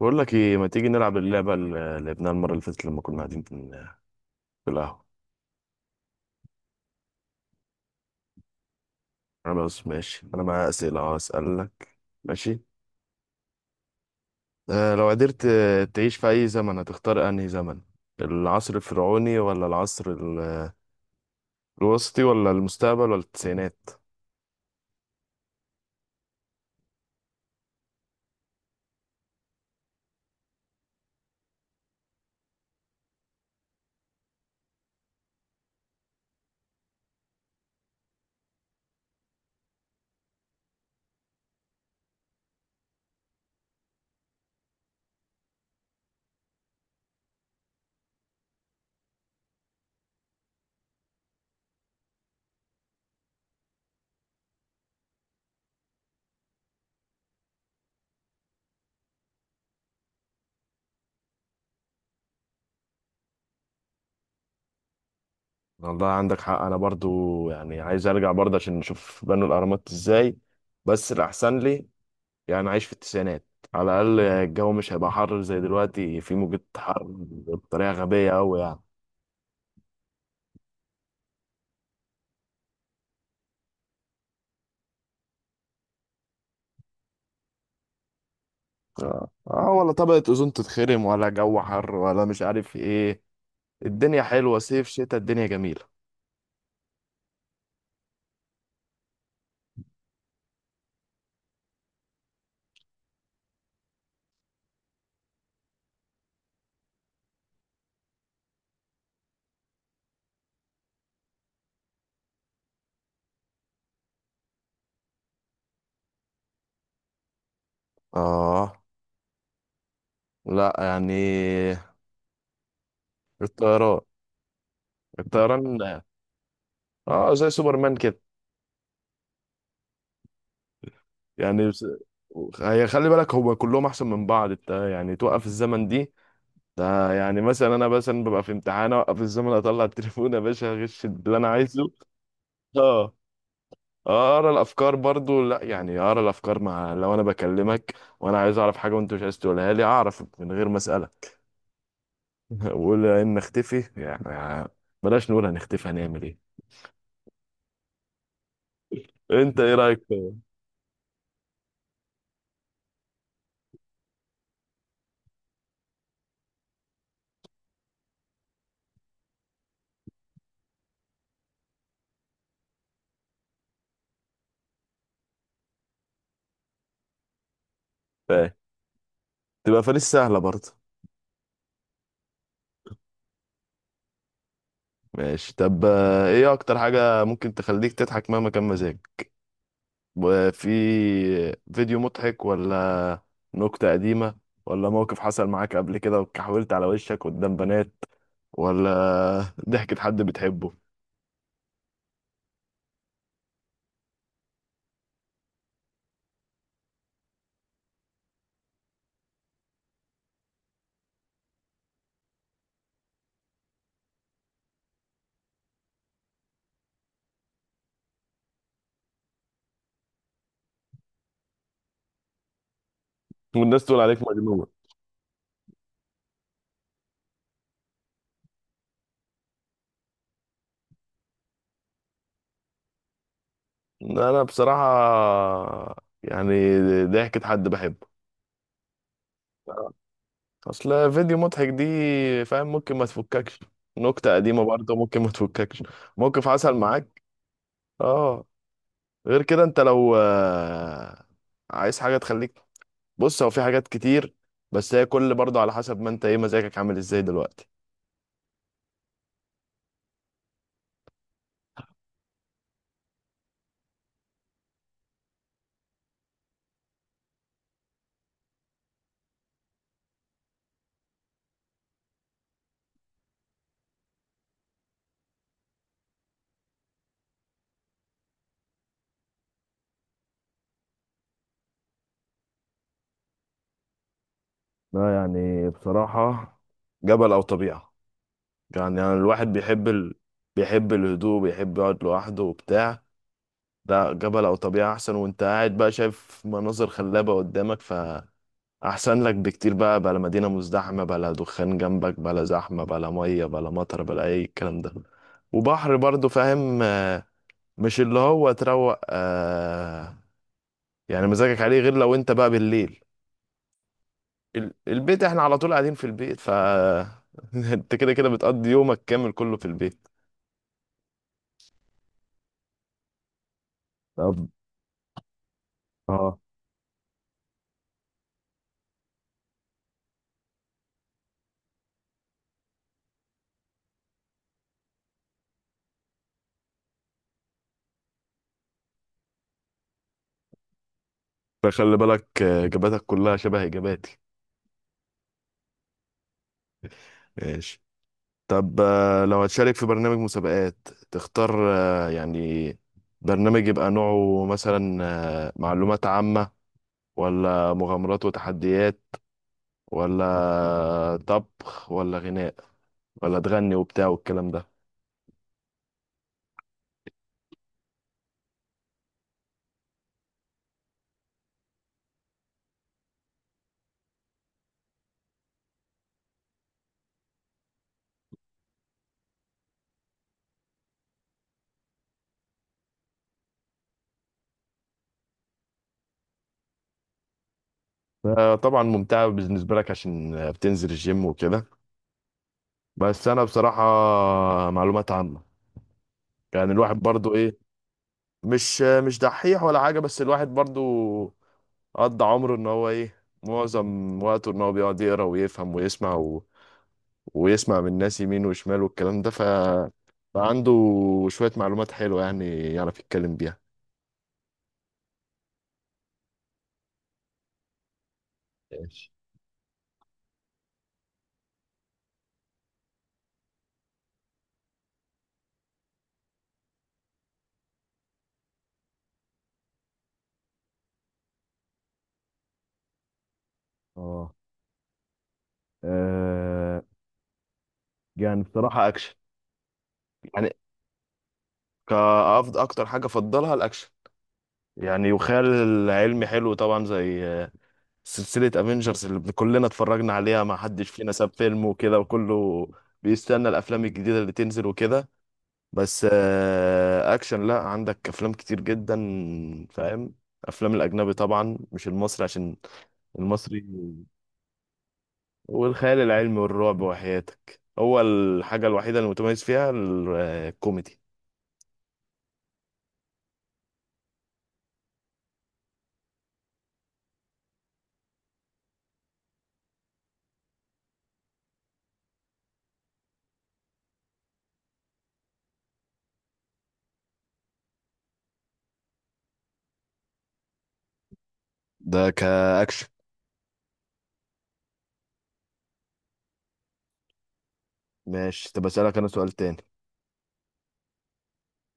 بقول لك ايه، ما تيجي نلعب اللعبه اللي لعبناها المره اللي فاتت لما كنا قاعدين في القهوه. انا بس ماشي، انا معايا اسئله اسالك. ماشي. لو قدرت، تعيش في اي زمن، هتختار انهي زمن؟ العصر الفرعوني ولا الوسطي ولا المستقبل ولا التسعينات؟ والله عندك حق، انا برضو يعني عايز ارجع برضه عشان نشوف بنوا الاهرامات ازاي. بس الاحسن لي يعني عايش في التسعينات. على الاقل الجو مش هيبقى حر زي دلوقتي، في موجة حر بطريقه غبيه قوي يعني. ولا طبقة أوزون تتخرم ولا جو حر ولا مش عارف ايه. الدنيا حلوة، صيف شتاء الدنيا جميلة. اه، لا يعني الطيران الطيران. اه، زي سوبرمان كده. يعني بس- هي خلي بالك، هو كلهم احسن من بعض. انت يعني توقف الزمن دي، ده يعني مثلا انا مثلا ببقى في امتحان، اوقف الزمن اطلع التليفون يا باشا، اغش اللي انا عايزه. اه. اقرا الافكار برضو، لا يعني اقرا الافكار مع لو انا بكلمك وانا عايز اعرف حاجه وانت مش عايز تقولها لي، اعرف من غير ما اسالك. وقول ان نختفي يعني، بلاش، نقول هنختفي هنعمل ايه. انت ايه رايك في في- تبقى فانيس سهله برضو. ماشي. طب، ايه اكتر حاجه ممكن تخليك تضحك مهما كان مزاجك؟ وفي فيديو مضحك، ولا نكته قديمه، ولا موقف حصل معاك قبل كده وكحولت على وشك قدام بنات، ولا ضحكة حد بتحبه؟ والناس تقول عليك مجنونة. انا بصراحة، يعني ضحكة حد بحبه. اصل فيديو مضحك دي فاهم ممكن ما تفككش، نكتة قديمة برضه ممكن ما تفككش، موقف حصل معاك. اه. غير كده انت لو عايز حاجة تخليك، بص هو في حاجات كتير، بس هي كل برضه على حسب ما انت ايه مزاجك عامل ازاي دلوقتي. لا يعني بصراحة، جبل او طبيعة. يعني أنا الواحد بيحب ال... بيحب الهدوء، بيحب يقعد لوحده وبتاع. لا، جبل او طبيعه احسن، وانت قاعد بقى شايف مناظر خلابه قدامك، فاحسن لك بكتير. بقى بلا مدينه مزدحمه، بلا دخان جنبك، بلا زحمه، بلا ميه، بلا مطر، بلا اي الكلام ده. وبحر برضو فاهم، مش اللي هو تروق آه، يعني مزاجك عليه. غير لو انت بقى بالليل، البيت، احنا على طول قاعدين في البيت ف انت كده بتقضي يومك كامل كله في البيت. طب. اه. فخلي بالك اجاباتك كلها شبه اجاباتي. ماشي. طب، لو هتشارك في برنامج مسابقات تختار، يعني برنامج يبقى نوعه مثلا، معلومات عامة، ولا مغامرات وتحديات، ولا طبخ ولا غناء، ولا تغني وبتاع والكلام ده؟ طبعا ممتعة بالنسبة لك عشان بتنزل الجيم وكده. بس أنا بصراحة معلومات عامة. يعني الواحد برضو مش دحيح ولا حاجة، بس الواحد برضو قضى عمره ان هو ايه، معظم وقته ان هو بيقعد يقرا ويفهم ويسمع و... ويسمع من الناس يمين وشمال والكلام ده ف... فعنده شوية معلومات حلوة يعني، يعرف يتكلم بيها. ماشي. اه. آه، يعني بصراحة أكشن. يعني كأفضل أكتر حاجة أفضلها الأكشن. يعني وخيال العلمي حلو طبعا، زي سلسلة افنجرز اللي كلنا اتفرجنا عليها، ما حدش فينا ساب فيلم وكده، وكله بيستنى الافلام الجديدة اللي تنزل وكده. بس اكشن، لا عندك افلام كتير جدا فاهم. افلام الاجنبي طبعا مش المصري، عشان المصري والخيال العلمي والرعب وحياتك هو الحاجة الوحيدة اللي متميز فيها الكوميدي. ده كأكشن. ماشي. طب أسألك أنا سؤال تاني.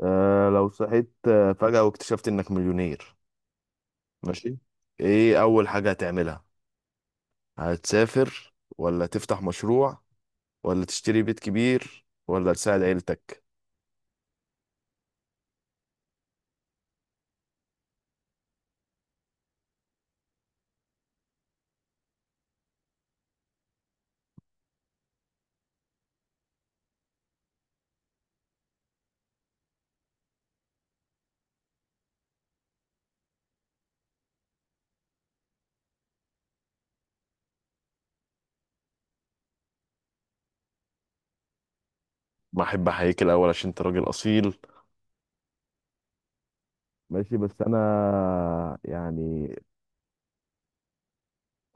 أه لو صحيت فجأة واكتشفت إنك مليونير. ماشي. ايه اول حاجة هتعملها؟ هتسافر، ولا تفتح مشروع، ولا تشتري بيت كبير، ولا تساعد عيلتك؟ ما احب احييك الاول عشان انت راجل اصيل. ماشي بس انا يعني،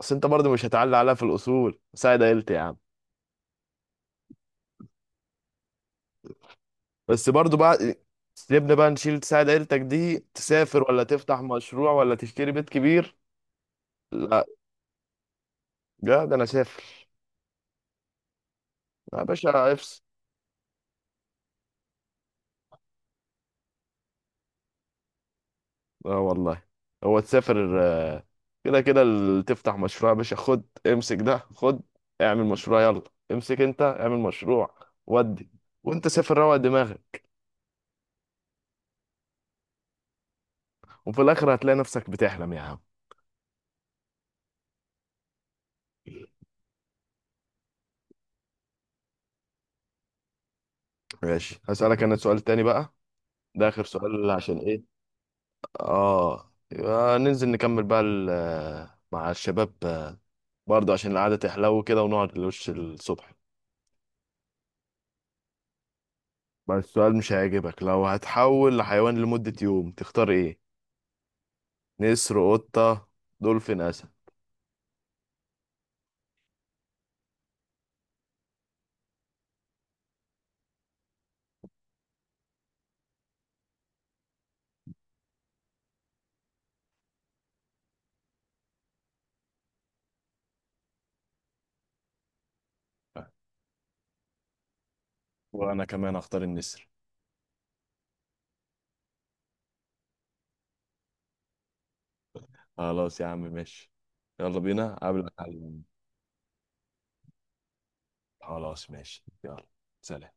اصل انت برضه مش هتعلي عليها في الاصول، ساعد عيلتي يا عم. بس برضه بعد، سيبنا بقى نشيل تساعد عيلتك دي، تسافر ولا تفتح مشروع ولا تشتري بيت كبير؟ لا لا، ده انا سافر يا باشا، افصل. اه والله. هو تسافر كده كده تفتح مشروع، يا باشا خد امسك ده، خد اعمل مشروع يلا، امسك انت اعمل مشروع ودي، وانت سافر روق دماغك. وفي الاخر هتلاقي نفسك بتحلم يا عم. ماشي. هسألك انا سؤال تاني بقى، ده اخر سؤال عشان ايه، اه يبقى ننزل نكمل بقى مع الشباب، برضه عشان القعدة تحلو كده ونقعد لوش الصبح. بس السؤال مش هيعجبك. لو هتحول لحيوان لمدة يوم، تختار ايه؟ نسر، قطة، دولفين، أسد؟ وانا كمان اختار النسر. خلاص يا عم ماشي، يلا بينا قبل. خلاص ماشي، يلا. سلام.